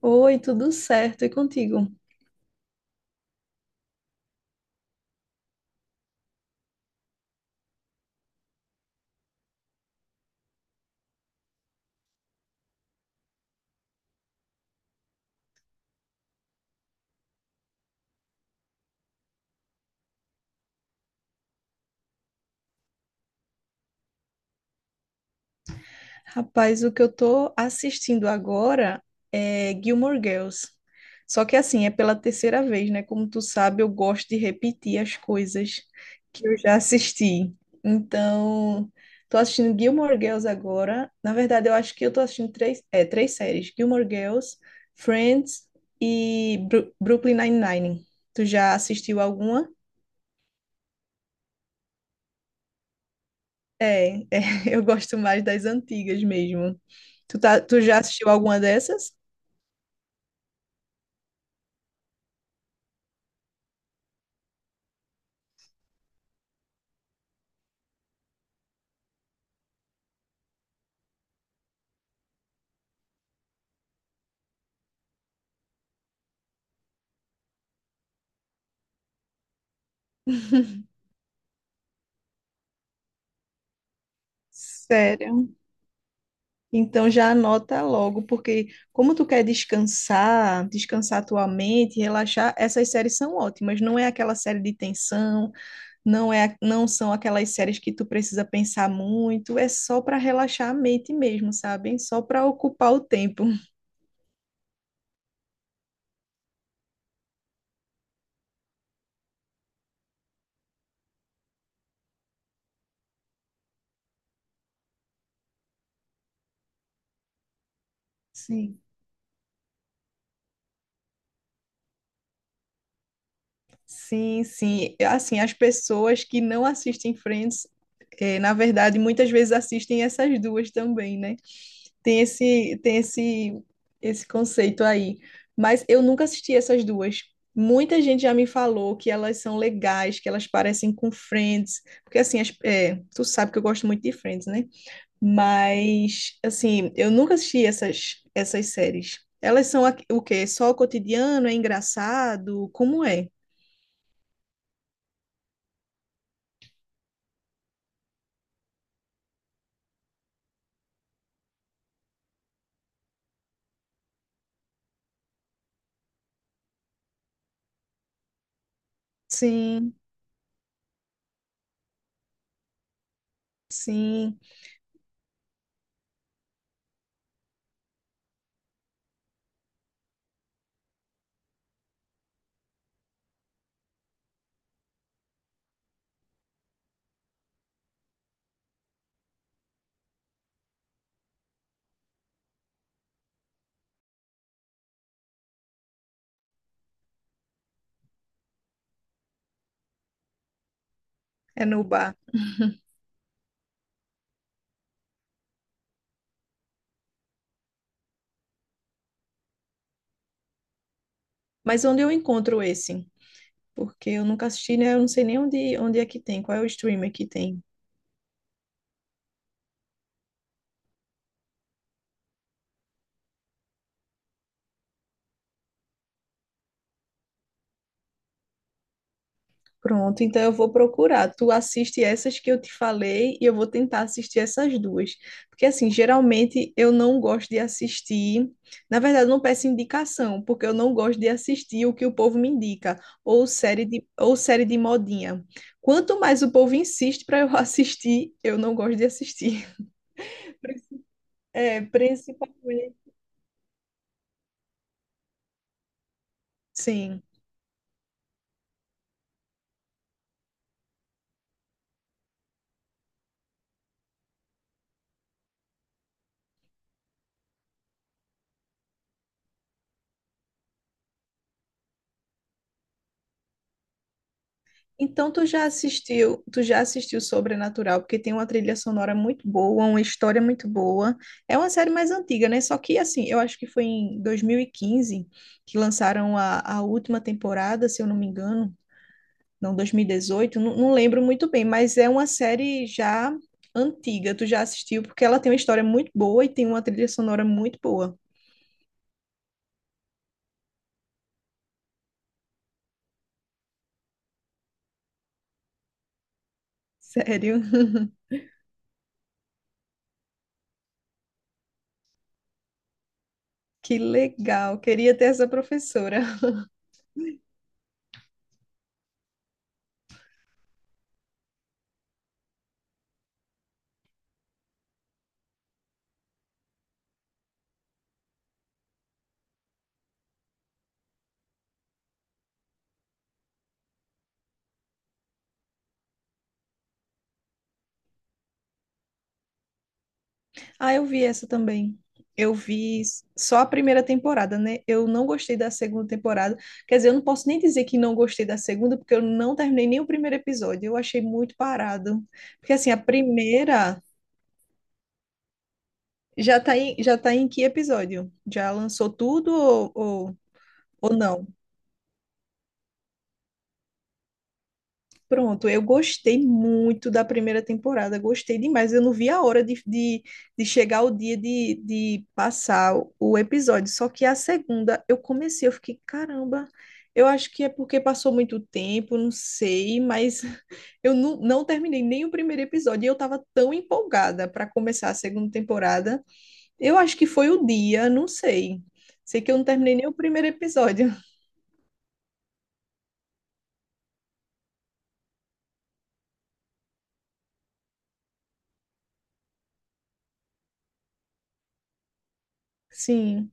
Oi, tudo certo? E contigo? Rapaz, o que eu tô assistindo agora é Gilmore Girls. Só que assim, é pela terceira vez, né? Como tu sabe, eu gosto de repetir as coisas que eu já assisti. Então, tô assistindo Gilmore Girls agora. Na verdade, eu acho que eu tô assistindo três, três séries: Gilmore Girls, Friends e Brooklyn Nine-Nine. Tu já assistiu alguma? É, é, eu gosto mais das antigas mesmo. Tu já assistiu alguma dessas? Sério. Então já anota logo, porque como tu quer descansar, descansar tua mente, relaxar, essas séries são ótimas. Não é aquela série de tensão, não são aquelas séries que tu precisa pensar muito, é só para relaxar a mente mesmo, sabe? Só para ocupar o tempo. Sim. Sim, sim. É, assim, as pessoas que não assistem Friends, na verdade, muitas vezes assistem essas duas também, né? Tem esse, tem esse, esse conceito aí. Mas eu nunca assisti essas duas. Muita gente já me falou que elas são legais, que elas parecem com Friends, porque assim, tu sabe que eu gosto muito de Friends, né? Mas assim, eu nunca assisti essas séries. Elas são o quê? Só o cotidiano? É engraçado? Como é? Sim. Sim, é no bar. Mas onde eu encontro esse? Porque eu nunca assisti, né? Eu não sei nem onde é que tem, qual é o streamer que tem. Pronto, então eu vou procurar. Tu assiste essas que eu te falei e eu vou tentar assistir essas duas. Porque, assim, geralmente eu não gosto de assistir. Na verdade, eu não peço indicação, porque eu não gosto de assistir o que o povo me indica, ou série de modinha. Quanto mais o povo insiste para eu assistir, eu não gosto de assistir. É, principalmente. Sim. Então tu já assistiu Sobrenatural, porque tem uma trilha sonora muito boa, uma história muito boa. É uma série mais antiga, né? Só que assim, eu acho que foi em 2015 que lançaram a última temporada, se eu não me engano, não, 2018, não, não lembro muito bem, mas é uma série já antiga. Tu já assistiu porque ela tem uma história muito boa e tem uma trilha sonora muito boa. Sério? Que legal. Queria ter essa professora. Ah, eu vi essa também. Eu vi só a primeira temporada, né? Eu não gostei da segunda temporada. Quer dizer, eu não posso nem dizer que não gostei da segunda, porque eu não terminei nem o primeiro episódio. Eu achei muito parado. Porque assim, a primeira já tá em que episódio? Já lançou tudo ou não? Pronto, eu gostei muito da primeira temporada, gostei demais. Eu não vi a hora de chegar o dia de passar o episódio. Só que a segunda eu comecei, eu fiquei, caramba, eu acho que é porque passou muito tempo, não sei, mas eu não, não terminei nem o primeiro episódio. E eu estava tão empolgada para começar a segunda temporada. Eu acho que foi o dia, não sei. Sei que eu não terminei nem o primeiro episódio. Sim,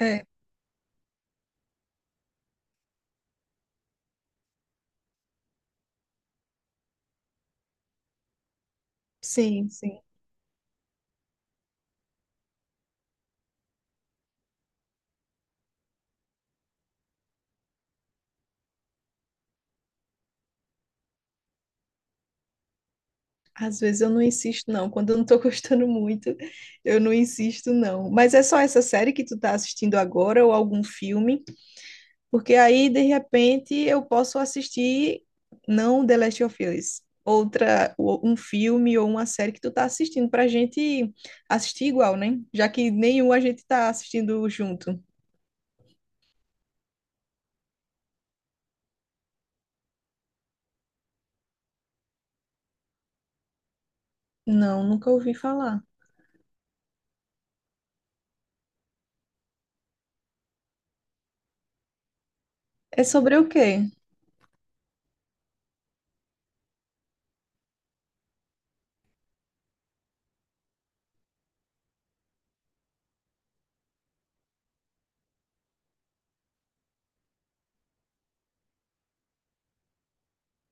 é, sim, sim. Às vezes eu não insisto, não. Quando eu não tô gostando muito, eu não insisto, não. Mas é só essa série que tu tá assistindo agora ou algum filme? Porque aí, de repente, eu posso assistir, não The Last of Us, outra, ou um filme ou uma série que tu tá assistindo pra gente assistir igual, né? Já que nenhum a gente tá assistindo junto. Não, nunca ouvi falar. É sobre o quê?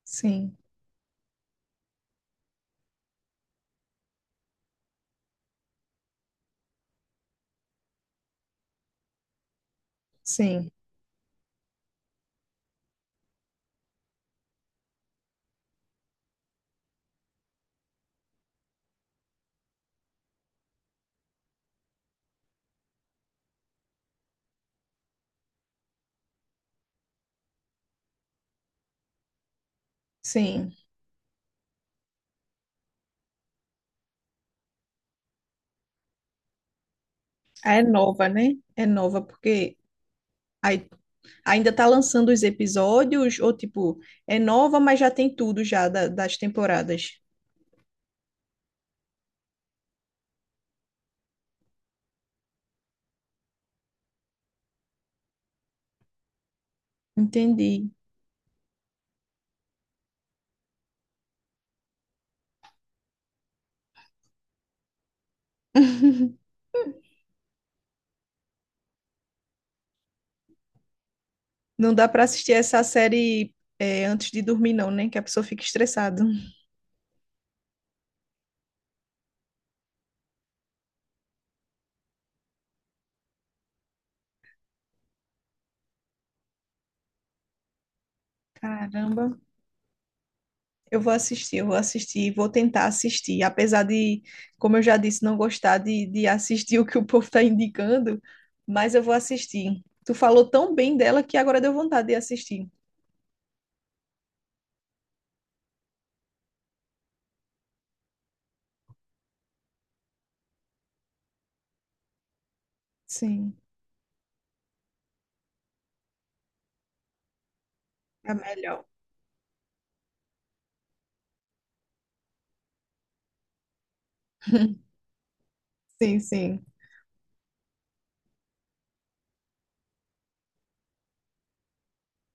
Sim, sim, sim. Ah, é nova, né? É nova, porque. Aí ainda tá lançando os episódios, ou tipo, é nova, mas já tem tudo já das temporadas. Entendi. Não dá pra assistir essa série, antes de dormir, não, né? Que a pessoa fica estressada. Caramba. Eu vou assistir, vou tentar assistir. Apesar de, como eu já disse, não gostar de assistir o que o povo tá indicando, mas eu vou assistir. Tu falou tão bem dela que agora deu vontade de assistir. Sim, é melhor. Sim, sim.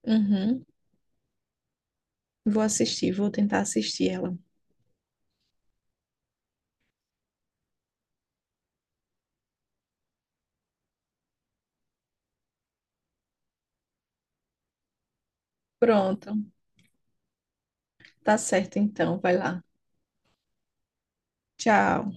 Uhum. Vou assistir, vou tentar assistir ela. Pronto, tá certo então, vai lá. Tchau.